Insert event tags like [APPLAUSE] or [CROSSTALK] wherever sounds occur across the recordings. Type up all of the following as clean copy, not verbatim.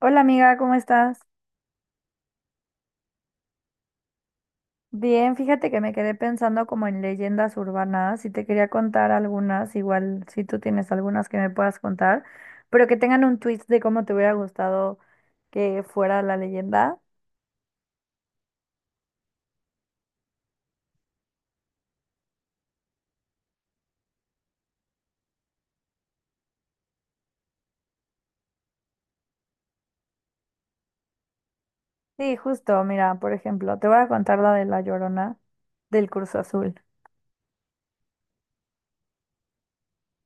Hola amiga, ¿cómo estás? Bien, fíjate que me quedé pensando como en leyendas urbanas y te quería contar algunas, igual si tú tienes algunas que me puedas contar, pero que tengan un twist de cómo te hubiera gustado que fuera la leyenda. Sí, justo, mira, por ejemplo, te voy a contar la de La Llorona del Curso Azul.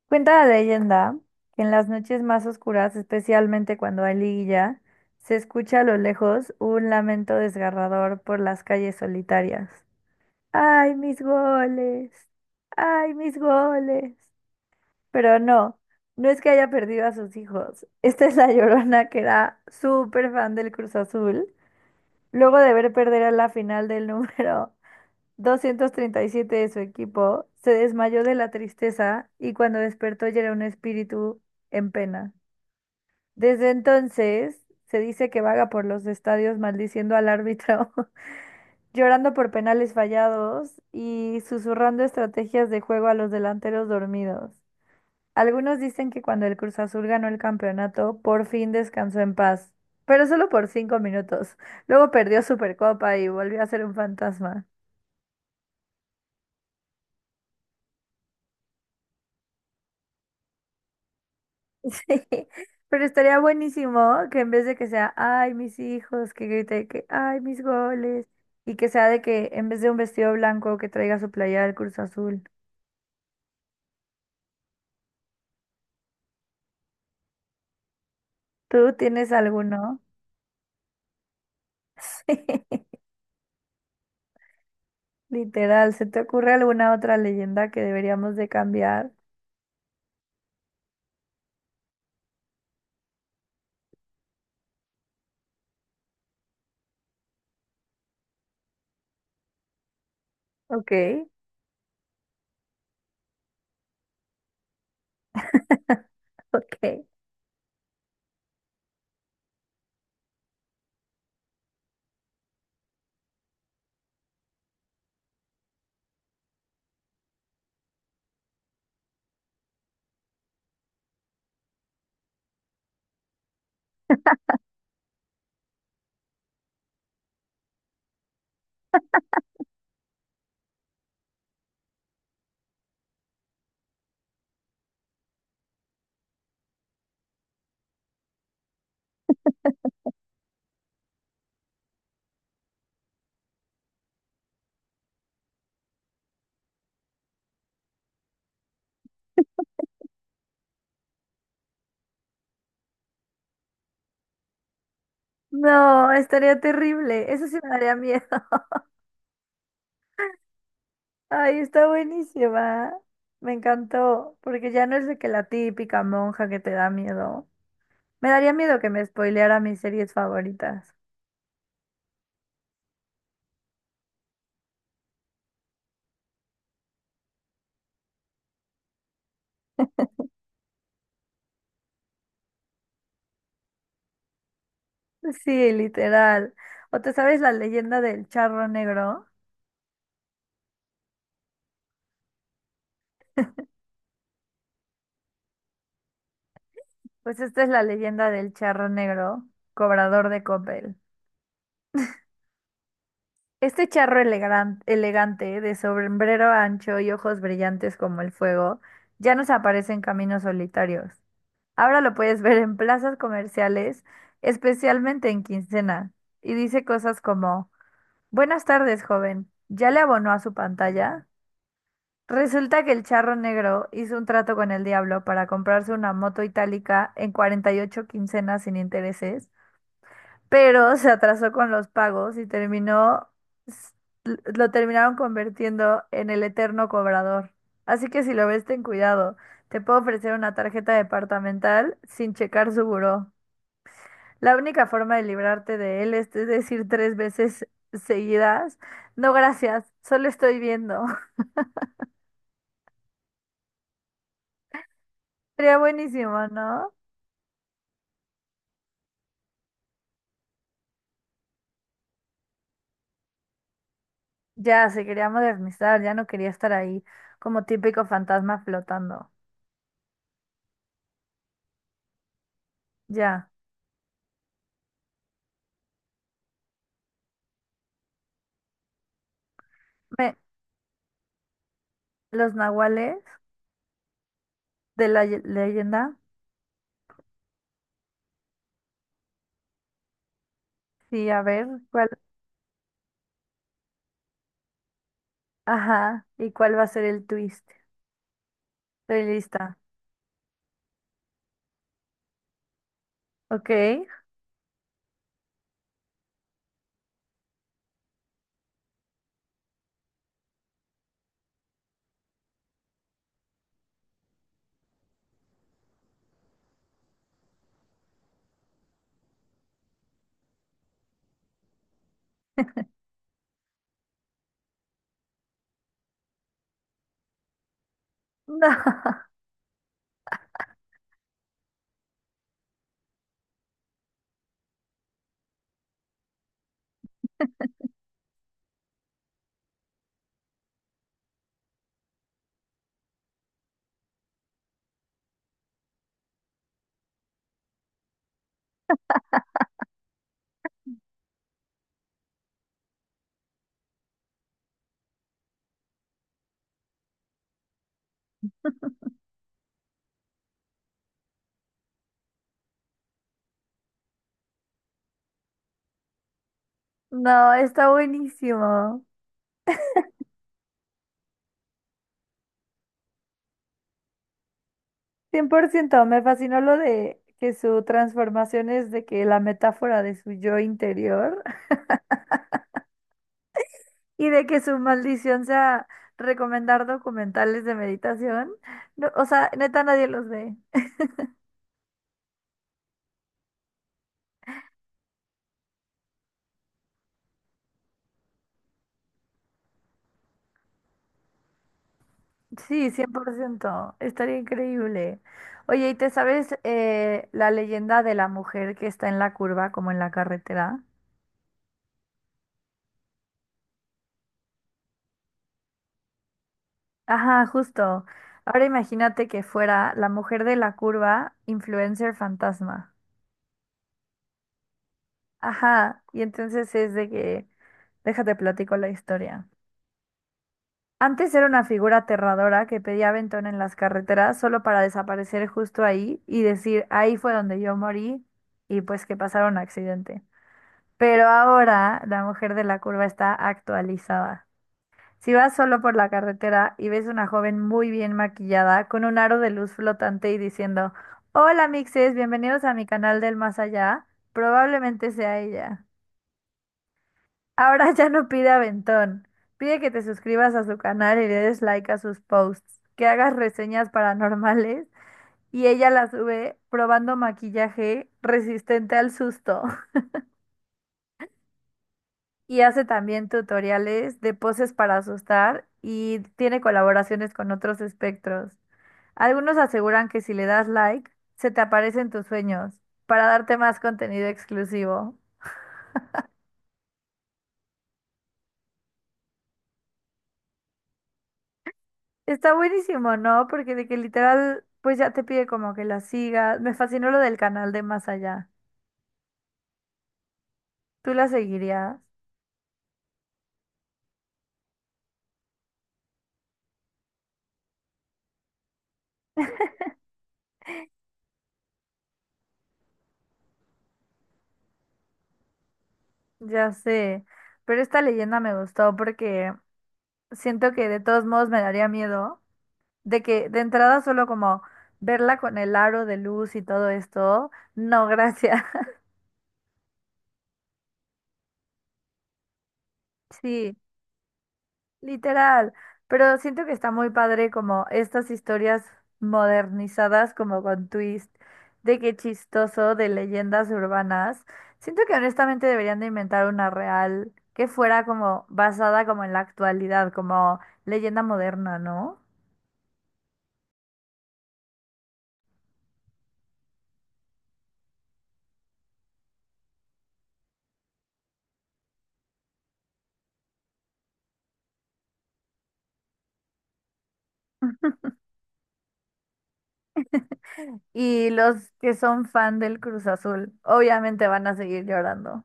Cuenta la leyenda que en las noches más oscuras, especialmente cuando hay liguilla, se escucha a lo lejos un lamento desgarrador por las calles solitarias. Ay, mis goles. Ay, mis goles. Pero no, no es que haya perdido a sus hijos. Esta es la [LAUGHS] Llorona que era súper fan del Cruz Azul. Luego de ver perder a la final del número [LAUGHS] 237 de su equipo, se desmayó de la tristeza y cuando despertó ya era un espíritu en pena. Desde entonces, se dice que vaga por los estadios maldiciendo al árbitro [LAUGHS] llorando por penales fallados y susurrando estrategias de juego a los delanteros dormidos. Algunos dicen que cuando el Cruz Azul ganó el campeonato, por fin descansó en paz, pero solo por 5 minutos. Luego perdió Supercopa y volvió a ser un fantasma. [LAUGHS] Pero estaría buenísimo que en vez de que sea, ay, mis hijos, que grite que, ay, mis goles, y que sea de que en vez de un vestido blanco que traiga su playera del Cruz Azul. ¿Tú tienes alguno? [LAUGHS] Sí. Literal, ¿se te ocurre alguna otra leyenda que deberíamos de cambiar? Ok, [LAUGHS] ok. No, estaría terrible. Eso sí me daría miedo. [LAUGHS] Ay, está buenísima. Me encantó, porque ya no es de que la típica monja que te da miedo. Me daría miedo que me spoileara mis series favoritas. [LAUGHS] Sí, literal. ¿O te sabes la leyenda del charro negro? Pues esta es la leyenda del charro negro, cobrador de copel. Este charro elegante, de sombrero ancho y ojos brillantes como el fuego, ya nos aparece en caminos solitarios. Ahora lo puedes ver en plazas comerciales, especialmente en quincena, y dice cosas como, buenas tardes, joven, ¿ya le abonó a su pantalla? Resulta que el charro negro hizo un trato con el diablo para comprarse una moto itálica en 48 quincenas sin intereses, pero se atrasó con los pagos y terminó, s- lo terminaron convirtiendo en el eterno cobrador. Así que si lo ves, ten cuidado. Te puedo ofrecer una tarjeta departamental sin checar su buró. La única forma de librarte de él es decir 3 veces seguidas, no gracias, solo estoy viendo. [LAUGHS] Sería buenísimo, ¿no? Ya, se quería modernizar, ya no quería estar ahí como típico fantasma flotando. Ya. Me- los nahuales. De la leyenda. Sí, a ver, ¿cuál? Ajá, ¿y cuál va a ser el twist? Estoy lista. Ok. No, [LAUGHS] no, está buenísimo. Cien por ciento me fascinó lo de que su transformación es de que la metáfora de su yo interior [LAUGHS] y de que su maldición sea recomendar documentales de meditación. No, o sea, neta, nadie los ve. Sí, 100%, estaría increíble. Oye, ¿y te sabes, la leyenda de la mujer que está en la curva, como en la carretera? Ajá, justo. Ahora imagínate que fuera la mujer de la curva, influencer fantasma. Ajá, y entonces es de que, déjate platico la historia. Antes era una figura aterradora que pedía aventón en las carreteras solo para desaparecer justo ahí y decir, ahí fue donde yo morí y pues que pasara un accidente. Pero ahora la mujer de la curva está actualizada. Si vas solo por la carretera y ves una joven muy bien maquillada con un aro de luz flotante y diciendo, hola mixes, bienvenidos a mi canal del más allá, probablemente sea ella. Ahora [LAUGHS] ya no pide aventón, pide que te suscribas a su canal y le des like a sus posts, que hagas reseñas paranormales y ella las sube probando maquillaje resistente al susto. Y hace también tutoriales de poses para asustar y tiene colaboraciones con otros espectros. Algunos aseguran que si le das like, se te aparecen tus sueños para darte más contenido exclusivo. Está buenísimo, ¿no? Porque de que literal, pues ya te pide como que la sigas. Me fascinó lo del canal de Más Allá. ¿Tú la seguirías? Ya sé, pero esta leyenda me gustó porque siento que de todos modos me daría miedo. De que de entrada solo como verla con el aro de luz y todo esto, no, gracias. [LAUGHS] Sí, literal. Pero siento que está muy padre como estas historias modernizadas, como con twist, de qué chistoso, de leyendas urbanas. Siento que honestamente deberían de inventar una real que fuera como basada como en la actualidad, como leyenda moderna, ¿no? Y los que son fan del Cruz Azul, obviamente van a seguir llorando.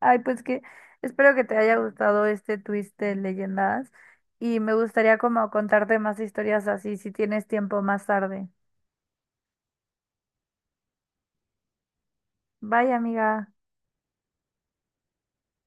Ay, pues que espero que te haya gustado este twist de leyendas y me gustaría como contarte más historias así si tienes tiempo más tarde. Bye, amiga.